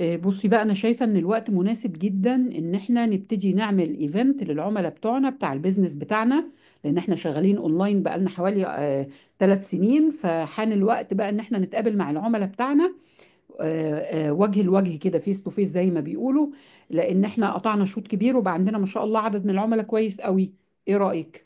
بصي بقى انا شايفه ان الوقت مناسب جدا ان احنا نبتدي نعمل ايفنت للعملاء بتوعنا بتاع البيزنس بتاعنا. لان احنا شغالين اونلاين بقالنا حوالي 3 سنين، فحان الوقت بقى ان احنا نتقابل مع العملاء بتاعنا وجه لوجه كده، فيس تو فيس زي ما بيقولوا. لان احنا قطعنا شوط كبير وبقى عندنا ما شاء الله عدد من العملاء كويس قوي. ايه رأيك؟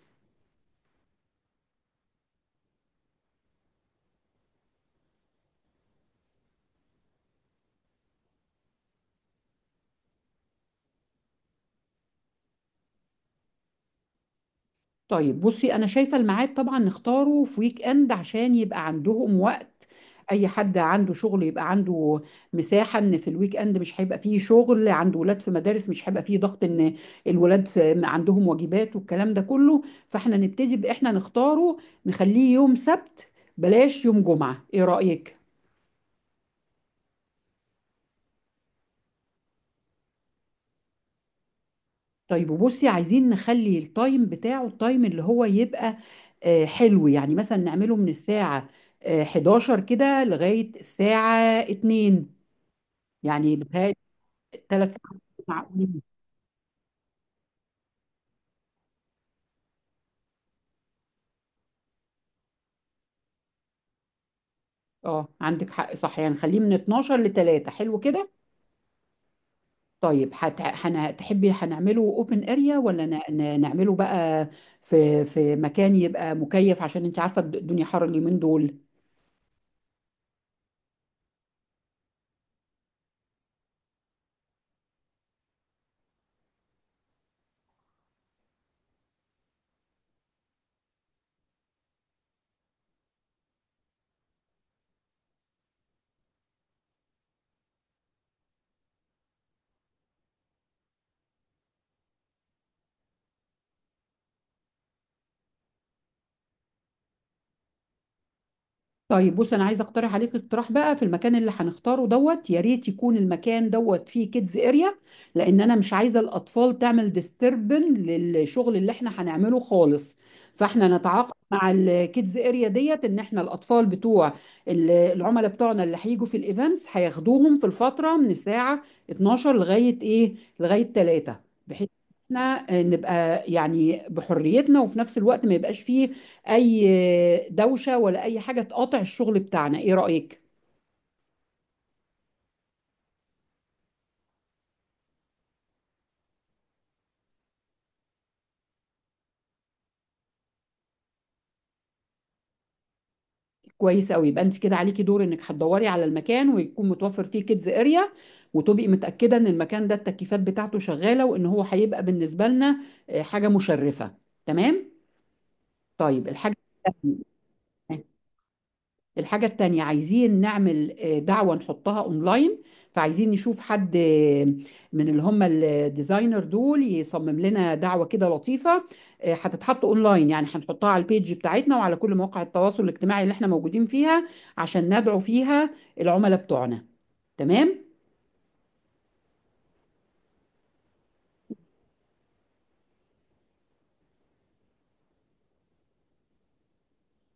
طيب، بصي انا شايفه الميعاد طبعا نختاره في ويك اند عشان يبقى عندهم وقت. اي حد عنده شغل يبقى عنده مساحه، ان في الويك اند مش هيبقى فيه شغل، عنده ولاد في مدارس مش هيبقى فيه ضغط ان الولاد في عندهم واجبات والكلام ده كله. فاحنا نبتدي باحنا نختاره، نخليه يوم سبت، بلاش يوم جمعه. ايه رايك؟ طيب، وبصي عايزين نخلي التايم بتاعه، التايم اللي هو يبقى حلو. يعني مثلا نعمله من الساعة 11 كده لغاية الساعة 2. يعني بتهيألي 3 ساعات. معقولين؟ اه، عندك حق، صح. يعني نخليه من 12 ل 3. حلو كده. طيب تحبي هنعمله اوبن اريا ولا نعمله بقى في مكان يبقى مكيف، عشان انت عارفة الدنيا حر اليومين دول. طيب، بص انا عايزه اقترح عليك اقتراح بقى في المكان اللي هنختاره دوت. يا ريت يكون المكان دوت فيه كيدز اريا. لان انا مش عايزه الاطفال تعمل ديستربن للشغل اللي احنا هنعمله خالص. فاحنا نتعاقد مع الكيدز اريا ديت ان احنا الاطفال بتوع العملاء بتوعنا اللي هيجوا في الايفنتس هياخدوهم في الفتره من الساعه 12 لغايه ايه، لغايه 3. بحيث احنا نبقى يعني بحريتنا، وفي نفس الوقت ما يبقاش فيه اي دوشه ولا اي حاجه تقاطع الشغل بتاعنا. ايه رايك؟ كويس قوي. يبقى انت كده عليكي دور انك هتدوري على المكان ويكون متوفر فيه كيدز اريا، وتبقي متاكده ان المكان ده التكييفات بتاعته شغاله، وان هو هيبقى بالنسبه لنا حاجه مشرفه. تمام. طيب، الحاجة التانية عايزين نعمل دعوة نحطها اونلاين. فعايزين نشوف حد من اللي هم الديزاينر دول يصمم لنا دعوة كده لطيفة. هتتحط اونلاين، يعني هنحطها على البيج بتاعتنا وعلى كل مواقع التواصل الاجتماعي اللي احنا موجودين فيها، عشان ندعو فيها العملاء بتوعنا. تمام.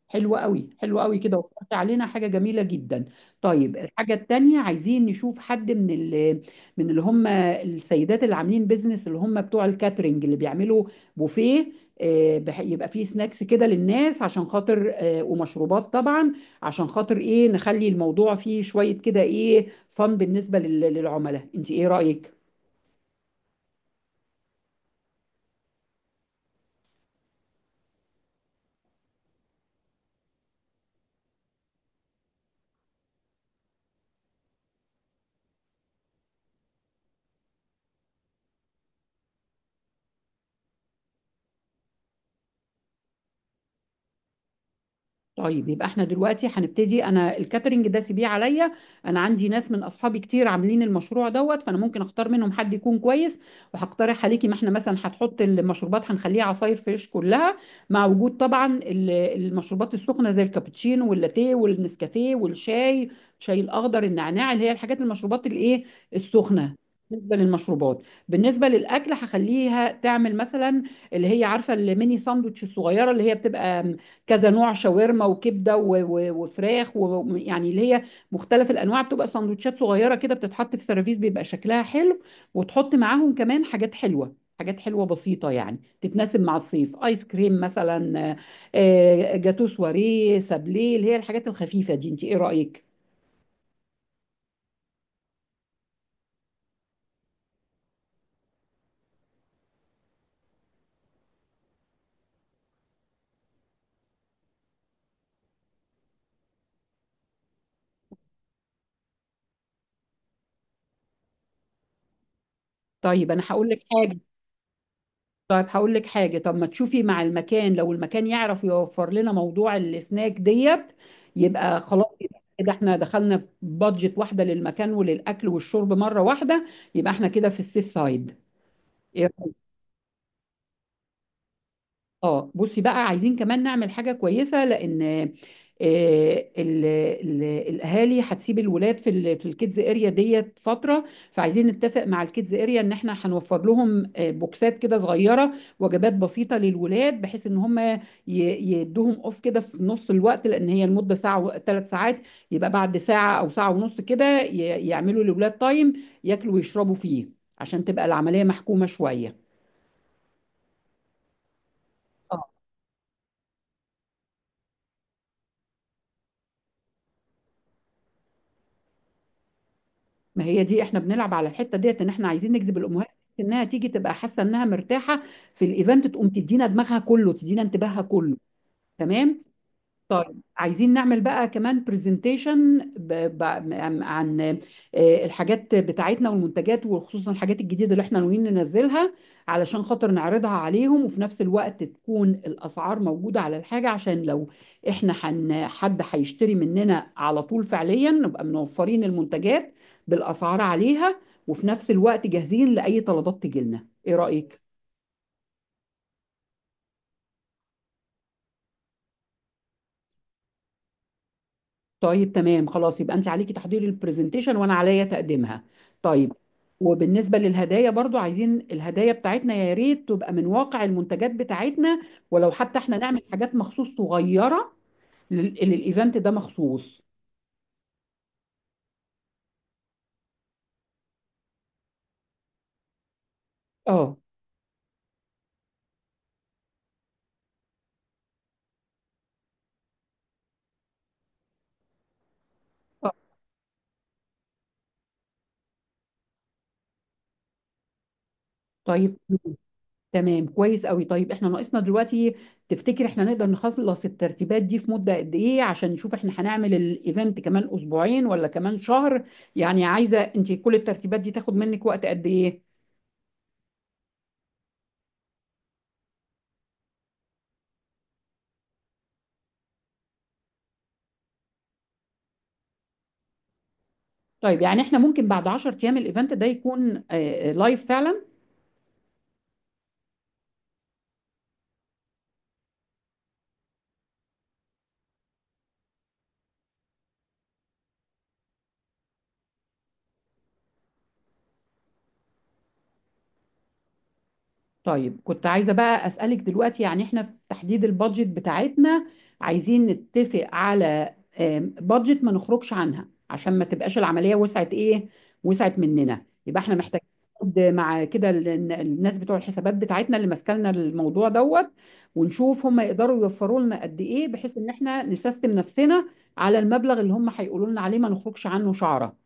حلو قوي، حلو قوي كده، وفرت علينا حاجة جميلة جدا. طيب، الحاجة التانية عايزين نشوف حد من من اللي هم السيدات اللي عاملين بيزنس، اللي هم بتوع الكاترينج، اللي بيعملوا بوفيه. يبقى فيه سناكس كده للناس، عشان خاطر ومشروبات طبعا. عشان خاطر ايه نخلي الموضوع فيه شوية كده ايه فن بالنسبة للعملاء، انت ايه رأيك؟ طيب، يبقى احنا دلوقتي هنبتدي. انا الكاترينج ده سيبيه عليا. انا عندي ناس من اصحابي كتير عاملين المشروع دوت، فانا ممكن اختار منهم حد يكون كويس. وهقترح عليكي، ما احنا مثلا هتحط المشروبات هنخليها عصاير فريش كلها، مع وجود طبعا المشروبات السخنه زي الكابتشينو واللاتيه والنسكافيه والشاي، الاخضر، النعناع، اللي هي الحاجات المشروبات الايه، السخنه. بالنسبه للمشروبات. بالنسبه للاكل هخليها تعمل مثلا اللي هي عارفه الميني ساندوتش الصغيره اللي هي بتبقى كذا نوع، شاورما وكبده وفراخ، ويعني اللي هي مختلف الانواع، بتبقى سندوتشات صغيره كده بتتحط في سيرفيس بيبقى شكلها حلو. وتحط معاهم كمان حاجات حلوه، حاجات حلوه بسيطه، يعني تتناسب مع الصيف. ايس كريم مثلا، جاتو، سواريه، سابليه، اللي هي الحاجات الخفيفه دي. انت ايه رايك؟ طيب انا هقول لك حاجه طيب، هقول لك حاجة. طب ما تشوفي مع المكان، لو المكان يعرف يوفر لنا موضوع السناك ديت، يبقى خلاص، يبقى كده احنا دخلنا في بادجت واحدة للمكان وللأكل والشرب مرة واحدة. يبقى احنا كده في السيف سايد. اه، بصي بقى عايزين كمان نعمل حاجة كويسة، لأن الأهالي هتسيب الولاد في في الكيدز اريا ديت فترة. فعايزين نتفق مع الكيدز اريا إن احنا هنوفر لهم بوكسات كده صغيرة، وجبات بسيطة للولاد، بحيث إن هم يدوهم أوف كده في نص الوقت، لأن هي المدة ساعة، 3 ساعات. يبقى بعد ساعة أو ساعة ونص كده يعملوا للولاد تايم ياكلوا ويشربوا فيه، عشان تبقى العملية محكومة شوية. ما هي دي، احنا بنلعب على الحته ديت ان احنا عايزين نجذب الامهات. انها تيجي تبقى حاسه انها مرتاحه في الايفنت، تقوم تدينا دماغها كله، تدينا انتباهها كله. تمام. طيب، عايزين نعمل بقى كمان برزنتيشن عن الحاجات بتاعتنا والمنتجات، وخصوصا الحاجات الجديدة اللي احنا ناويين ننزلها، علشان خاطر نعرضها عليهم. وفي نفس الوقت تكون الأسعار موجودة على الحاجة، عشان لو احنا حد هيشتري مننا على طول فعليا نبقى منوفرين المنتجات بالأسعار عليها، وفي نفس الوقت جاهزين لأي طلبات تجيلنا. ايه رأيك؟ طيب تمام خلاص، يبقى انت عليكي تحضير البرزنتيشن وانا عليا تقديمها. طيب. وبالنسبة للهدايا برضو، عايزين الهدايا بتاعتنا يا ريت تبقى من واقع المنتجات بتاعتنا، ولو حتى احنا نعمل حاجات مخصوص صغيرة للايفنت ده مخصوص. اه. آه. طيب تمام، كويس قوي. طيب، احنا ناقصنا دلوقتي. تفتكر احنا نقدر نخلص الترتيبات دي في مدة قد ايه، عشان نشوف احنا هنعمل الايفنت كمان اسبوعين ولا كمان شهر؟ يعني عايزة، انت كل الترتيبات دي تاخد منك وقت قد ايه؟ طيب، يعني احنا ممكن بعد 10 ايام الايفنت ده يكون لايف فعلا. طيب، كنت عايزه بقى اسالك دلوقتي، يعني احنا في تحديد البادجت بتاعتنا عايزين نتفق على بادجت ما نخرجش عنها، عشان ما تبقاش العمليه وسعت ايه، وسعت مننا. يبقى احنا محتاجين نقعد مع كده الناس بتوع الحسابات بتاعتنا اللي ماسكالنا الموضوع دوت، ونشوف هم يقدروا يوفروا لنا قد ايه، بحيث ان احنا نسيستم نفسنا على المبلغ اللي هم هيقولوا لنا عليه ما نخرجش عنه شعره.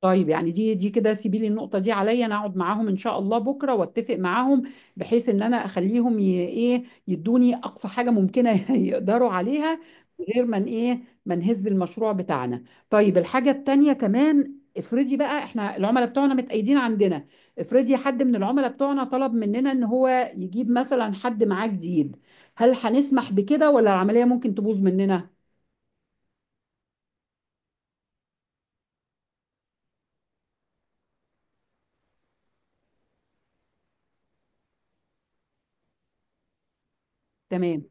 طيب، يعني دي كده، سيبي لي النقطة دي عليا، انا اقعد معاهم ان شاء الله بكرة واتفق معاهم، بحيث ان انا اخليهم ايه يدوني اقصى حاجة ممكنة يقدروا عليها من غير ما ايه ما نهز المشروع بتاعنا. طيب، الحاجة التانية كمان، افرضي بقى احنا العملاء بتوعنا متأيدين عندنا. افرضي حد من العملاء بتوعنا طلب مننا ان هو يجيب مثلا حد معاه جديد. هل هنسمح بكده، ولا العملية ممكن تبوظ مننا؟ تمام.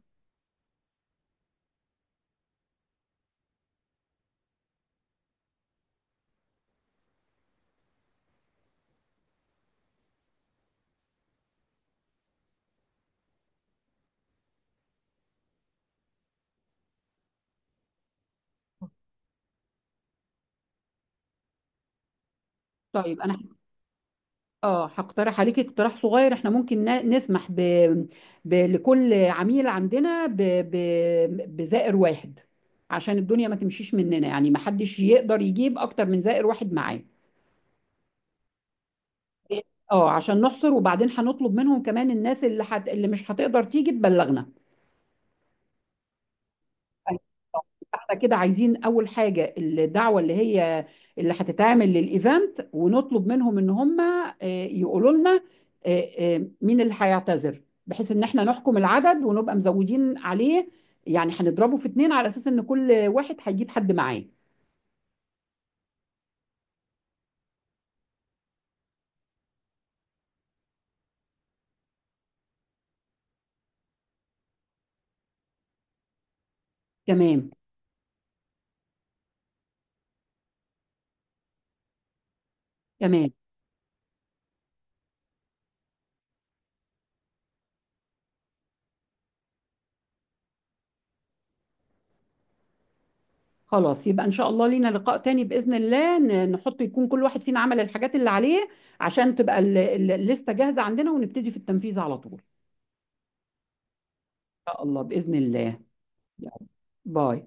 طيب انا، اه، هقترح عليك اقتراح صغير. احنا ممكن نسمح لكل عميل عندنا بزائر واحد، عشان الدنيا ما تمشيش مننا، يعني ما حدش يقدر يجيب اكتر من زائر واحد معاه. اه، عشان نحصر، وبعدين هنطلب منهم كمان الناس اللي مش هتقدر تيجي تبلغنا. أيوة. احنا كده عايزين اول حاجه الدعوه اللي هتتعمل للايفنت، ونطلب منهم ان هم يقولوا لنا آه، مين اللي هيعتذر، بحيث ان احنا نحكم العدد ونبقى مزودين عليه. يعني هنضربه في 2 على اساس ان كل واحد هيجيب حد معاه. تمام. تمام، خلاص. يبقى ان شاء الله لينا لقاء تاني، باذن الله، نحط يكون كل واحد فينا عمل الحاجات اللي عليه، عشان تبقى الليسته جاهزه عندنا، ونبتدي في التنفيذ على طول ان شاء الله، باذن الله. باي.